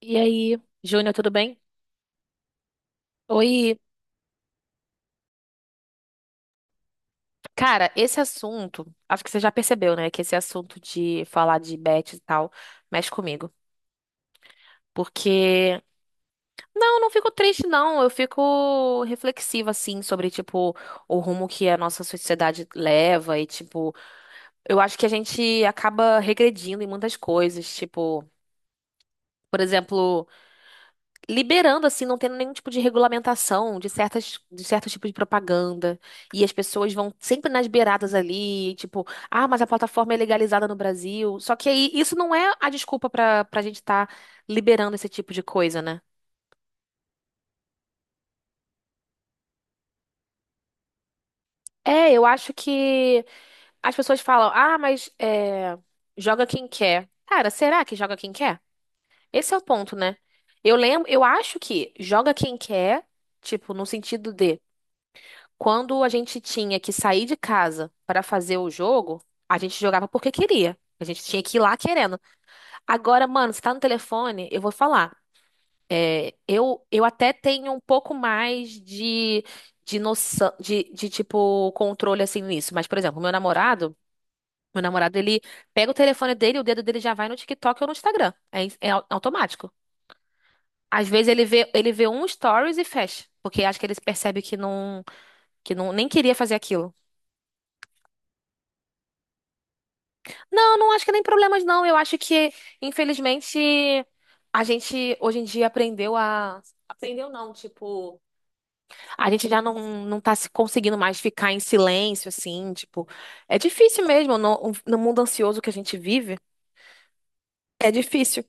E aí, Júnior, tudo bem? Oi, cara, esse assunto, acho que você já percebeu, né, que esse assunto de falar de bet e tal mexe comigo. Porque, não, não fico triste, não. Eu fico reflexiva, assim, sobre, tipo, o rumo que a nossa sociedade leva. E, tipo, eu acho que a gente acaba regredindo em muitas coisas. Tipo, por exemplo. Liberando assim, não tendo nenhum tipo de regulamentação de certos tipos de propaganda. E as pessoas vão sempre nas beiradas ali, tipo, ah, mas a plataforma é legalizada no Brasil. Só que aí isso não é a desculpa pra para gente estar liberando esse tipo de coisa, né? É, eu acho que as pessoas falam, ah, mas é, joga quem quer. Cara, será que joga quem quer? Esse é o ponto, né? Eu lembro, eu acho que joga quem quer, tipo, no sentido de quando a gente tinha que sair de casa para fazer o jogo, a gente jogava porque queria. A gente tinha que ir lá querendo. Agora, mano, você tá no telefone, eu vou falar. É, eu até tenho um pouco mais de noção, de tipo, controle assim nisso. Mas, por exemplo, meu namorado, ele pega o telefone dele, o dedo dele já vai no TikTok ou no Instagram. É, é automático. Às vezes ele vê um stories e fecha, porque acho que ele percebe que não, nem queria fazer aquilo. Não, não acho que é nem problemas, não. Eu acho que, infelizmente, a gente hoje em dia aprendeu a. Aprendeu não, tipo. A gente já não, não tá se conseguindo mais ficar em silêncio, assim, tipo. É difícil mesmo, no, no mundo ansioso que a gente vive, é difícil.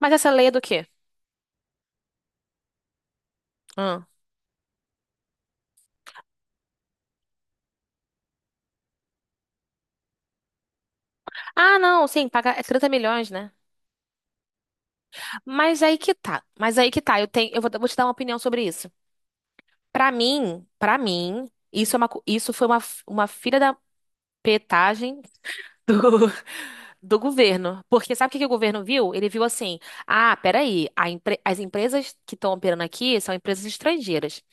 Mas essa lei é do quê? Hum. Ah, não, sim, paga é 30 milhões, né? Mas aí que tá. Eu tenho, vou te dar uma opinião sobre isso. Pra mim, isso é uma, isso foi uma, uma filha da petagem do, do governo. Porque sabe o que, que o governo viu? Ele viu assim: ah, peraí, a as empresas que estão operando aqui são empresas estrangeiras.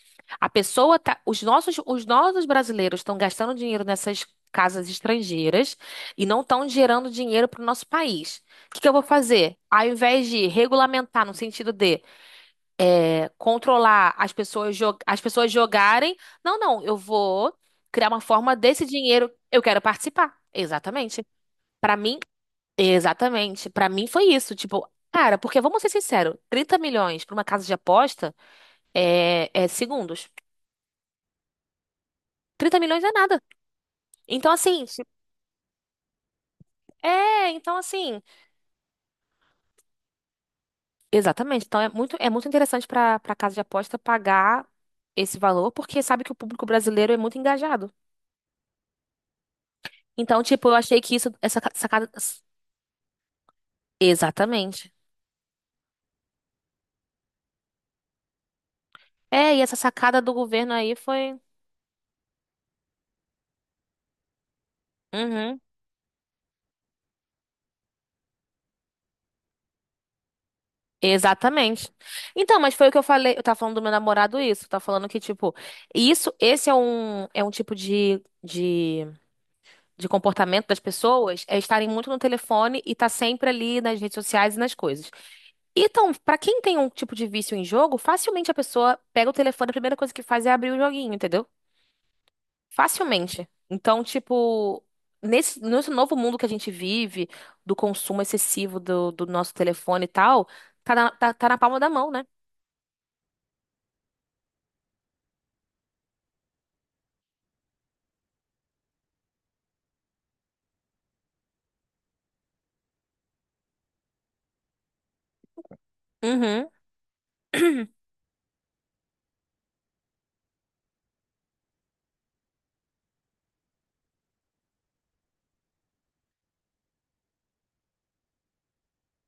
A pessoa tá, os nossos brasileiros estão gastando dinheiro nessas casas estrangeiras e não estão gerando dinheiro para o nosso país. O que que eu vou fazer? Ao invés de regulamentar no sentido de controlar as pessoas, as pessoas jogarem. Não, não, eu vou criar uma forma desse dinheiro, eu quero participar. Exatamente. Pra mim, exatamente. Pra mim foi isso, tipo, cara, porque vamos ser sinceros, 30 milhões pra uma casa de aposta é, é segundos. Trinta milhões é nada. Então assim, tipo, é, então assim, exatamente. Então é muito interessante pra para casa de aposta pagar esse valor, porque sabe que o público brasileiro é muito engajado. Então, tipo, eu achei que isso, essa sacada, exatamente. É, e essa sacada do governo aí foi. Uhum. Exatamente. Então, mas foi o que eu falei. Eu tava falando do meu namorado isso. Tá falando que, tipo, isso, esse é um tipo de comportamento das pessoas, é estarem muito no telefone e tá sempre ali nas redes sociais e nas coisas. Então, pra quem tem um tipo de vício em jogo, facilmente a pessoa pega o telefone, a primeira coisa que faz é abrir o joguinho, entendeu? Facilmente. Então, tipo, nesse novo mundo que a gente vive, do consumo excessivo do, do nosso telefone e tal, tá na palma da mão, né? Uhum.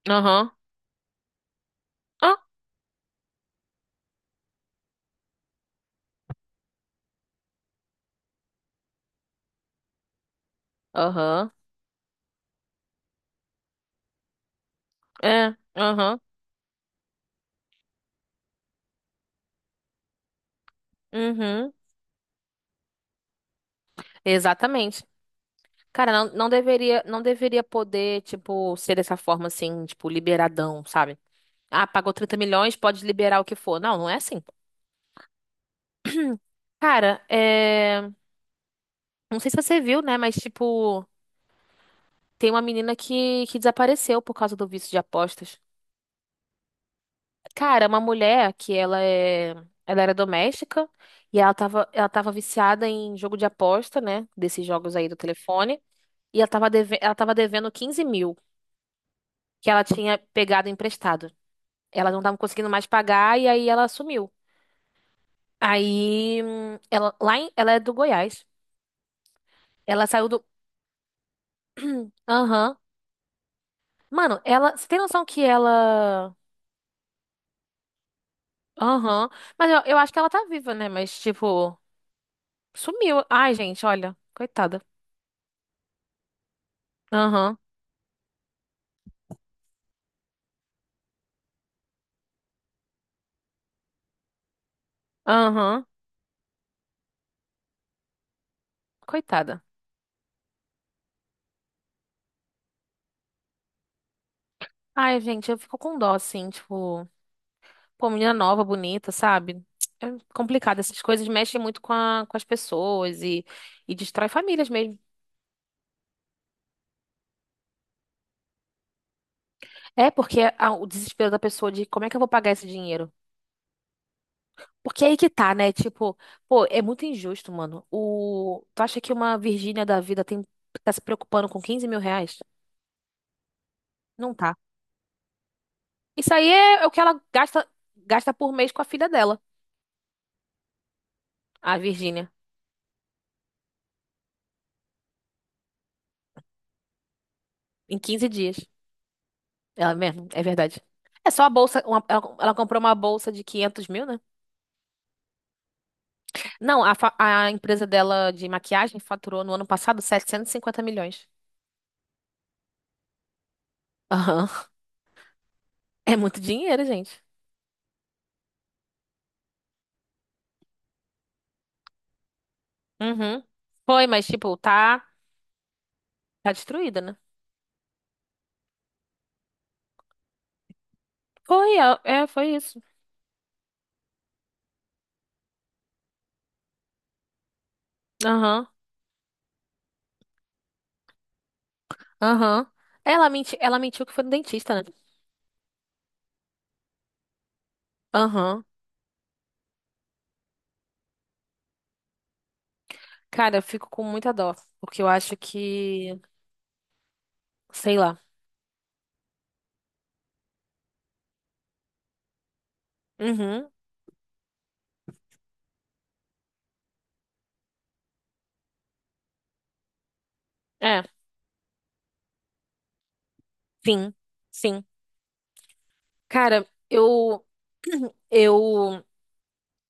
Aham. Ah, aham. É. Aham. Uhum. Exatamente. Cara, não, não deveria poder, tipo, ser dessa forma assim, tipo, liberadão, sabe? Ah, pagou 30 milhões, pode liberar o que for. Não, não é assim. Cara, é... não sei se você viu, né? Mas, tipo. Tem uma menina que desapareceu por causa do vício de apostas. Cara, é uma mulher que ela é, ela era doméstica e ela tava viciada em jogo de aposta, né? Desses jogos aí do telefone. E ela tava, deve, ela tava devendo 15 mil que ela tinha pegado emprestado. Ela não tava conseguindo mais pagar e aí ela sumiu. Aí, ela, ela é do Goiás. Ela saiu do. Aham. Mano, ela. Você tem noção que ela. Aham. Mas eu acho que ela tá viva, né? Mas, tipo. Sumiu. Ai, gente, olha. Coitada. Aham, aham. Coitada. Ai, gente, eu fico com dó, assim, tipo... Pô, menina nova, bonita, sabe? É complicado. Essas coisas mexem muito com, com as pessoas e destrói famílias mesmo. É, porque o desespero da pessoa de como é que eu vou pagar esse dinheiro? Porque é aí que tá, né? Tipo, pô, é muito injusto, mano. O, tu acha que uma Virgínia da vida tem, tá se preocupando com 15 mil reais? Não tá. Isso aí é, é o que ela gasta por mês com a filha dela. A Virgínia. Em 15 dias. Ela mesmo, é verdade. É só a bolsa. Ela, ela comprou uma bolsa de 500 mil, né? Não, a, a empresa dela de maquiagem faturou no ano passado 750 milhões. Aham. É muito dinheiro, gente. Uhum. Foi, mas, tipo, tá, tá destruída, né? Foi, é, é, foi isso. Aham. Aham. Ela mentiu que foi no dentista, né? Aham. Cara, eu fico com muita dó. Porque eu acho que. Sei lá. Uhum. É. Sim. Sim. Cara, eu eu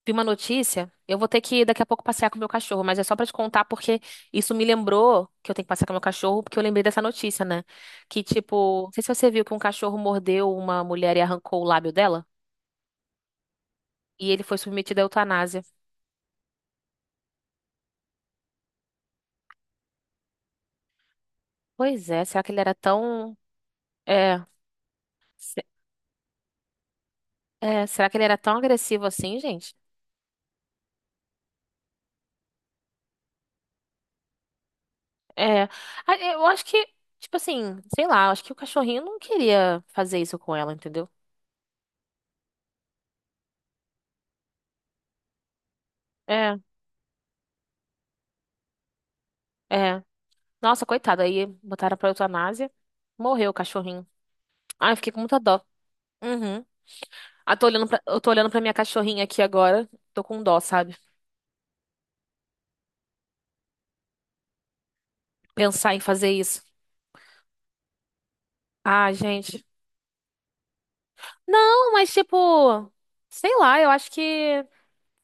vi uma notícia. Eu vou ter que daqui a pouco passear com o meu cachorro, mas é só pra te contar porque isso me lembrou que eu tenho que passear com o meu cachorro, porque eu lembrei dessa notícia, né? Que tipo, não sei se você viu que um cachorro mordeu uma mulher e arrancou o lábio dela, e ele foi submetido à eutanásia. Pois é, será que ele era tão é, se- será que ele era tão agressivo assim, gente? É, eu acho que tipo assim, sei lá, eu acho que o cachorrinho não queria fazer isso com ela, entendeu? É, é. Nossa, coitada, aí botaram pra eutanásia. Morreu o cachorrinho. Ai, eu fiquei com muita dó. Uhum. Ah, eu tô olhando pra minha cachorrinha aqui agora. Tô com dó, sabe? Pensar em fazer isso. Ah, gente. Não, mas tipo, sei lá, eu acho que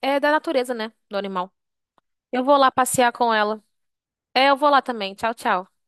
é da natureza, né? Do animal. Eu vou lá passear com ela. É, eu vou lá também. Tchau, tchau.